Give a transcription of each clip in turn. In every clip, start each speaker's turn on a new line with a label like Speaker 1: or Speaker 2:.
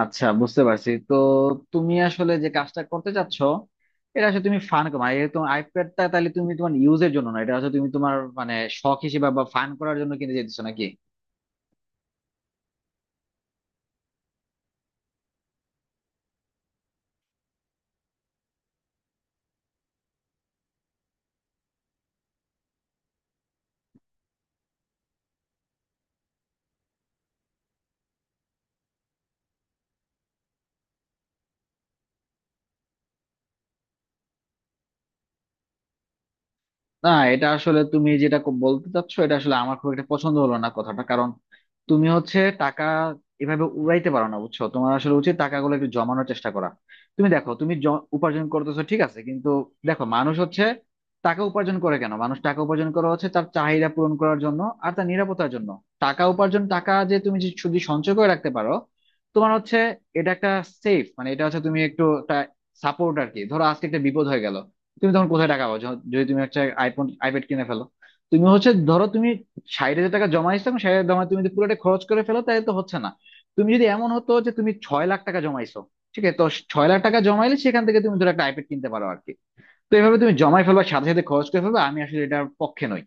Speaker 1: আচ্ছা, বুঝতে পারছি। তো তুমি আসলে যে কাজটা করতে চাচ্ছ, এটা আসলে তুমি ফান মানে এটা তোমার আইপ্যাডটা তাহলে তুমি তোমার ইউজের জন্য না, এটা আসলে তুমি তোমার মানে শখ হিসেবে বা ফান করার জন্য কিনে যেতেছো নাকি? না, এটা আসলে তুমি যেটা বলতে চাচ্ছ, এটা আসলে আমার খুব একটা পছন্দ হলো না কথাটা। কারণ তুমি হচ্ছে টাকা এভাবে উড়াইতে পারো না বুঝছো, তোমার আসলে উচিত টাকাগুলো একটু জমানোর চেষ্টা করা। তুমি দেখো, তুমি উপার্জন করতেছো ঠিক আছে, কিন্তু দেখো, মানুষ হচ্ছে টাকা উপার্জন করে কেন, মানুষ টাকা উপার্জন করা হচ্ছে তার চাহিদা পূরণ করার জন্য আর তার নিরাপত্তার জন্য। টাকা উপার্জন টাকা যে তুমি যে শুধু সঞ্চয় করে রাখতে পারো, তোমার হচ্ছে এটা একটা সেফ মানে এটা হচ্ছে তুমি একটু একটা সাপোর্ট আর কি। ধরো আজকে একটা বিপদ হয়ে গেল, তুমি তখন কোথায় টাকা পাবো যদি তুমি একটা আইফোন আইপ্যাড কিনে ফেলো। তুমি হচ্ছে ধরো তুমি 60,000 টাকা জমাইছো এবং 60,000 জমায় তুমি যদি পুরোটা খরচ করে ফেলো তাহলে তো হচ্ছে না। তুমি যদি এমন হতো যে তুমি 6,00,000 টাকা জমাইছো, ঠিক আছে তো? 6,00,000 টাকা জমাইলে সেখান থেকে তুমি ধরো একটা আইপ্যাড কিনতে পারো আর কি। তো এভাবে তুমি জমাই ফেলবা সাথে সাথে খরচ করে ফেলবা, আমি আসলে এটার পক্ষে নই।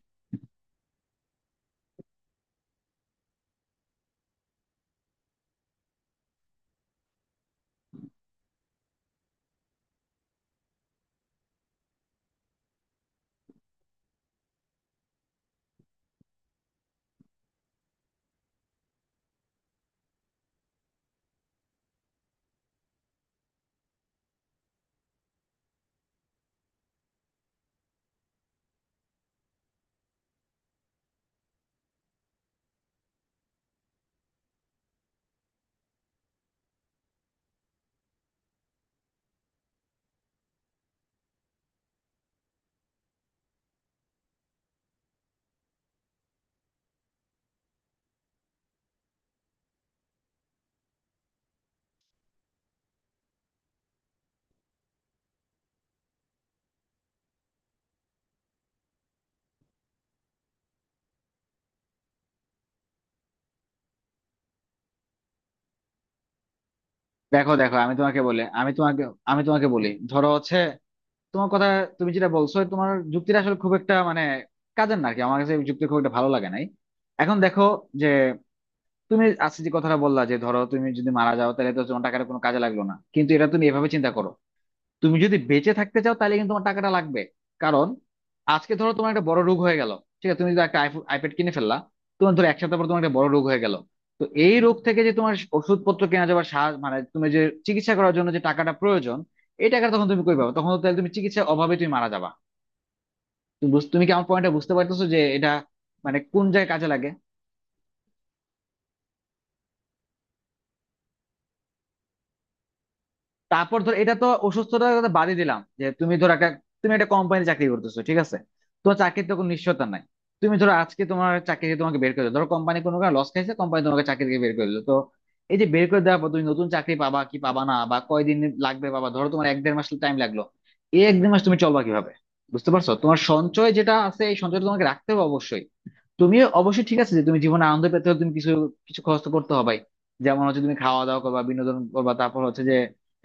Speaker 1: দেখো দেখো আমি তোমাকে বলে আমি তোমাকে আমি তোমাকে বলি, ধরো হচ্ছে তোমার কথা, তুমি যেটা বলছো তোমার যুক্তিটা আসলে খুব একটা মানে কাজের না আর কি, আমার কাছে এই যুক্তি খুব একটা ভালো লাগে নাই। এখন দেখো যে, তুমি আজকে যে কথাটা বললা যে ধরো তুমি যদি মারা যাও তাহলে তো তোমার টাকাটা কোনো কাজে লাগলো না, কিন্তু এটা তুমি এভাবে চিন্তা করো, তুমি যদি বেঁচে থাকতে চাও তাহলে কিন্তু তোমার টাকাটা লাগবে। কারণ আজকে ধরো তোমার একটা বড় রোগ হয়ে গেল, ঠিক আছে। তুমি যদি একটা আইপ্যাড কিনে ফেললা, তোমার ধরো 1 সপ্তাহ পর তোমার একটা বড় রোগ হয়ে গেল, তো এই রোগ থেকে যে তোমার ওষুধপত্র কেনা যাবে সাহায্য মানে তুমি যে চিকিৎসা করার জন্য যে টাকাটা প্রয়োজন, এই টাকাটা তখন তুমি কই পাবে? তখন তো তাহলে তুমি চিকিৎসার অভাবে তুমি মারা যাবা। তুমি তুমি কি আমার পয়েন্টটা বুঝতে পারতেছো যে এটা মানে কোন জায়গায় কাজে লাগে? তারপর ধর, এটা তো অসুস্থতার কথা বাদই দিলাম, যে তুমি ধর একটা তুমি একটা কোম্পানি চাকরি করতেছো ঠিক আছে। তোমার চাকরির তো চাকরিতে কোনো নিশ্চয়তা নাই। তুমি ধরো আজকে তোমার চাকরি থেকে তোমাকে বের করে দিলো, ধরো কোম্পানি কোনো কারণে লস খাইছে, কোম্পানি তোমাকে চাকরি থেকে বের করে দিলো। তো এই যে বের করে দেওয়ার পর তুমি নতুন চাকরি পাবা কি পাবা না, বা কয়দিন লাগবে, বাবা ধরো তোমার 1 দেড় মাস টাইম লাগলো, এই 1 দেড় মাস তুমি চলবা কিভাবে? বুঝতে পারছো, তোমার সঞ্চয় যেটা আছে এই সঞ্চয়টা তোমাকে রাখতে হবে অবশ্যই। তুমিও অবশ্যই ঠিক আছে যে তুমি জীবনে আনন্দ পেতে হলে তুমি কিছু কিছু খরচ তো করতে হবেই। যেমন হচ্ছে তুমি খাওয়া দাওয়া করবা, বিনোদন করবা, তারপর হচ্ছে যে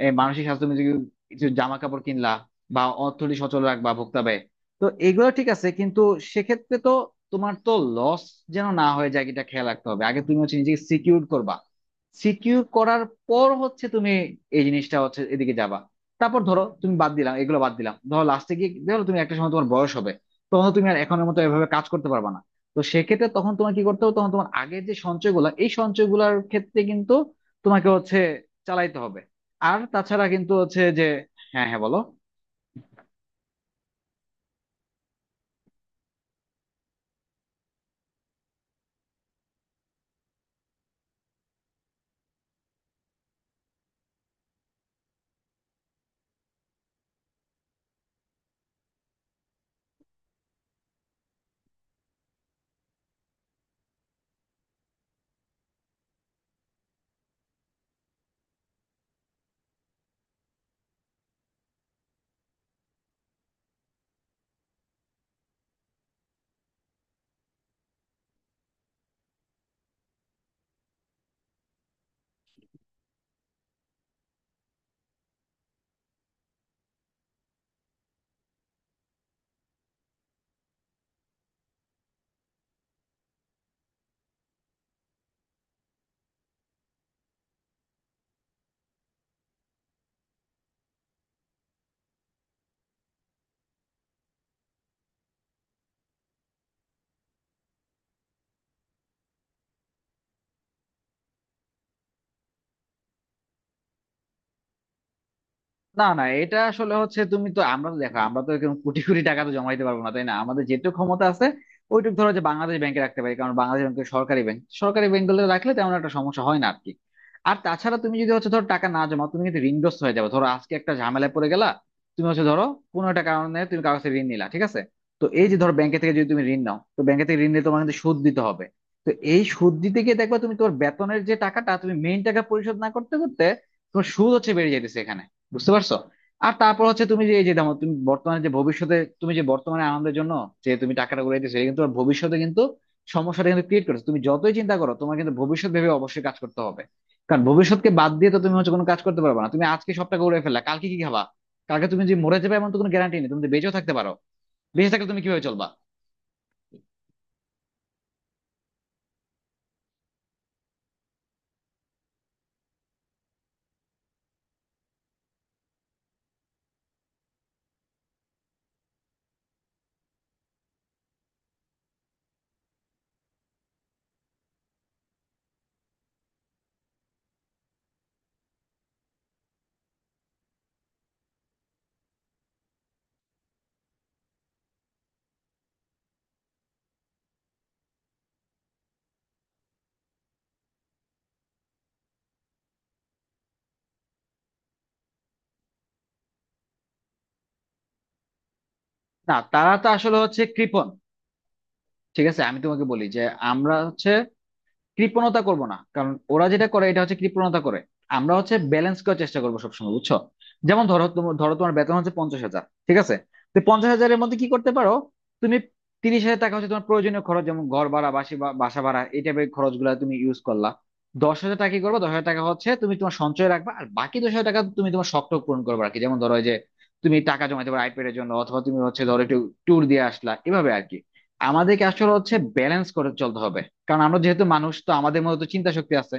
Speaker 1: এই মানসিক স্বাস্থ্য তুমি কিছু কিছু জামা কাপড় কিনলা, বা অর্থনীতি সচল রাখবা ভোক্তা ব্যয়। তো এগুলো ঠিক আছে, কিন্তু সেক্ষেত্রে তো তোমার তো লস যেন না হয়ে যায় এটা খেয়াল রাখতে হবে। আগে তুমি হচ্ছে নিজেকে সিকিউর করবা, সিকিউর করার পর হচ্ছে তুমি এই জিনিসটা হচ্ছে এদিকে যাবা। তারপর ধরো তুমি বাদ দিলাম, এগুলো বাদ দিলাম, ধরো লাস্টে গিয়ে ধরো তুমি একটা সময় তোমার বয়স হবে, তখন তো তুমি আর এখনের মতো এভাবে কাজ করতে পারবা না। তো সেক্ষেত্রে তখন তোমার কি করতে হবে, তখন তোমার আগের যে সঞ্চয়গুলা এই সঞ্চয়গুলার ক্ষেত্রে কিন্তু তোমাকে হচ্ছে চালাইতে হবে। আর তাছাড়া কিন্তু হচ্ছে যে হ্যাঁ হ্যাঁ বলো। না না, এটা আসলে হচ্ছে তুমি তো, আমরা তো দেখো আমরা তো এরকম কোটি কোটি টাকা তো জমাইতে পারবো না তাই না, আমাদের যেটুকু ক্ষমতা আছে ওইটুকু ধরো যে বাংলাদেশ ব্যাংকে রাখতে পারি, কারণ বাংলাদেশ ব্যাংক সরকারি ব্যাংক, সরকারি ব্যাংকগুলো রাখলে তেমন একটা সমস্যা হয় না আর কি। আর তাছাড়া তুমি যদি হচ্ছে ধরো টাকা না জমা, তুমি কিন্তু ঋণগ্রস্ত হয়ে যাবে। ধরো আজকে একটা ঝামেলায় পড়ে গেলা, তুমি হচ্ছে ধরো কোনো একটা কারণে তুমি কারো কাছে ঋণ নিলা, ঠিক আছে। তো এই যে ধরো ব্যাংকে থেকে যদি তুমি ঋণ নাও, তো ব্যাংকে থেকে ঋণ নিয়ে তোমার কিন্তু সুদ দিতে হবে। তো এই সুদ দিতে গিয়ে দেখবা, তুমি তোমার বেতনের যে টাকাটা তুমি মেইন টাকা পরিশোধ না করতে করতে তোমার সুদ হচ্ছে বেড়ে যাইতেছে এখানে। বুঝতে পারছো? আর তারপর হচ্ছে তুমি যে এই যে দেখো তুমি বর্তমানে যে ভবিষ্যতে তুমি যে বর্তমানে আনন্দের জন্য যে তুমি টাকাটা উড়াইতেছো, এটা কিন্তু তোমার ভবিষ্যতে কিন্তু সমস্যাটা কিন্তু ক্রিয়েট করছে। তুমি যতই চিন্তা করো তোমার কিন্তু ভবিষ্যৎ ভেবে অবশ্যই কাজ করতে হবে, কারণ ভবিষ্যৎকে বাদ দিয়ে তো তুমি হচ্ছে কোনো কাজ করতে পারবে না। তুমি আজকে সব টাকা উড়াই ফেললা, কালকে কি খাবা? কালকে তুমি যে মরে যাবে এমন তো কোনো গ্যারান্টি নেই, তুমি তো বেঁচেও থাকতে পারো। বেঁচে থাকলে তুমি কিভাবে চলবা? না, তারা তো আসলে হচ্ছে কৃপণ। ঠিক আছে, আমি তোমাকে বলি যে আমরা হচ্ছে কৃপণতা করব না, কারণ ওরা যেটা করে এটা হচ্ছে কৃপণতা করে। আমরা হচ্ছে ব্যালেন্স করার চেষ্টা করবো সবসময়, বুঝছো। যেমন ধরো তোমার ধরো তোমার বেতন হচ্ছে 50,000, ঠিক আছে। তো 50,000-এর মধ্যে কি করতে পারো, তুমি 30,000 টাকা হচ্ছে তোমার প্রয়োজনীয় খরচ, যেমন ঘর ভাড়া বাসা ভাড়া এই টাইপের খরচগুলো তুমি ইউজ করলা। 10,000 টাকা কি করবে, 10,000 টাকা হচ্ছে তুমি তোমার সঞ্চয় রাখবা, আর বাকি 10,000 টাকা তুমি তোমার শখ টখ পূরণ করবে আর কি। যেমন ধরো এই যে তুমি টাকা জমাতে পারো আইপ্যাডের জন্য, অথবা তুমি হচ্ছে ধরো একটু ট্যুর দিয়ে আসলা এভাবে আর কি। আমাদেরকে আসলে হচ্ছে ব্যালেন্স করে চলতে হবে, কারণ আমরা যেহেতু মানুষ তো আমাদের মধ্যে তো চিন্তা শক্তি আছে।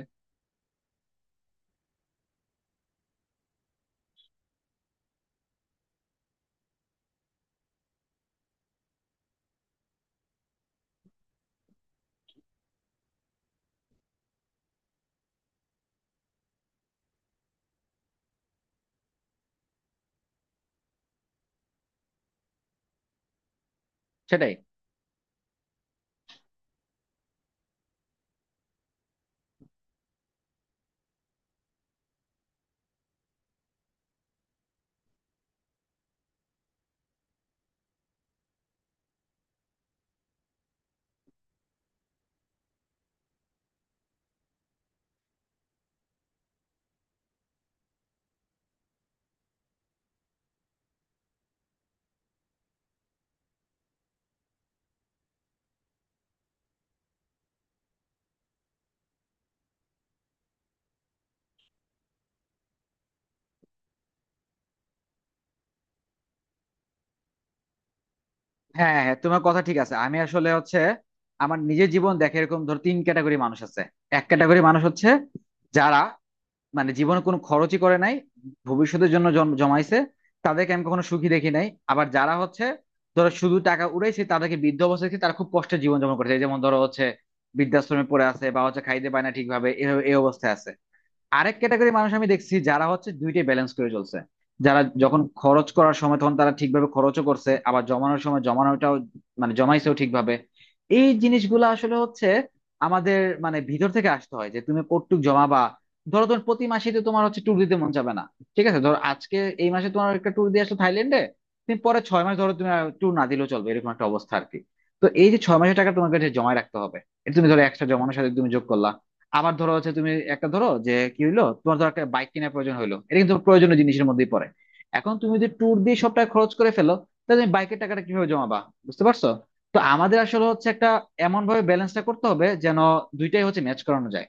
Speaker 1: সেটাই। হ্যাঁ হ্যাঁ, তোমার কথা ঠিক আছে। আমি আসলে হচ্ছে আমার নিজের জীবন দেখে এরকম ধর তিন ক্যাটাগরি মানুষ আছে। এক ক্যাটাগরি মানুষ হচ্ছে যারা মানে জীবনে কোনো খরচই করে নাই, ভবিষ্যতের জন্য জমাইছে, তাদেরকে আমি কখনো সুখী দেখি নাই। আবার যারা হচ্ছে ধরো শুধু টাকা উড়াইছে, তাদেরকে বৃদ্ধ অবস্থায় দেখি তারা খুব কষ্টে জীবন যাপন করছে, এই যেমন ধরো হচ্ছে বৃদ্ধাশ্রমে পড়ে আছে বা হচ্ছে খাইতে পায় না ঠিকভাবে, এ এই অবস্থায় আছে। আরেক ক্যাটাগরি মানুষ আমি দেখছি যারা হচ্ছে দুইটাই ব্যালেন্স করে চলছে, যারা যখন খরচ করার সময় তখন তারা ঠিকভাবে খরচও করছে, আবার জমানোর সময় জমানোটাও মানে জমাইছেও ঠিকভাবে। এই জিনিসগুলো আসলে হচ্ছে আমাদের মানে ভিতর থেকে আসতে হয় যে তুমি কতটুক জমাবা। ধরো তোমার প্রতি মাসে তো তোমার হচ্ছে ট্যুর দিতে মন যাবে না, ঠিক আছে। ধরো আজকে এই মাসে তোমার একটা ট্যুর দিয়ে আসলো থাইল্যান্ডে, তুমি পরে 6 মাস ধরো তুমি ট্যুর না দিলেও চলবে এরকম একটা অবস্থা আর কি। তো এই যে 6 মাসের টাকা তোমার কাছে জমা রাখতে হবে, এটা তুমি ধরো 100 জমানোর সাথে তুমি যোগ করলা। আবার ধরো হচ্ছে তুমি একটা ধরো যে কি হইলো, তোমার ধরো একটা বাইক কেনার প্রয়োজন হইলো, এটা কিন্তু প্রয়োজনীয় জিনিসের মধ্যেই পড়ে। এখন তুমি যদি ট্যুর দিয়ে সব টাকা খরচ করে ফেলো, তাহলে তুমি বাইকের টাকাটা কিভাবে জমাবা? বুঝতে পারছো। তো আমাদের আসলে হচ্ছে একটা এমন ভাবে ব্যালেন্সটা করতে হবে যেন দুইটাই হচ্ছে ম্যাচ করানো যায়।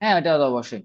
Speaker 1: হ্যাঁ, এটা তো অবশ্যই।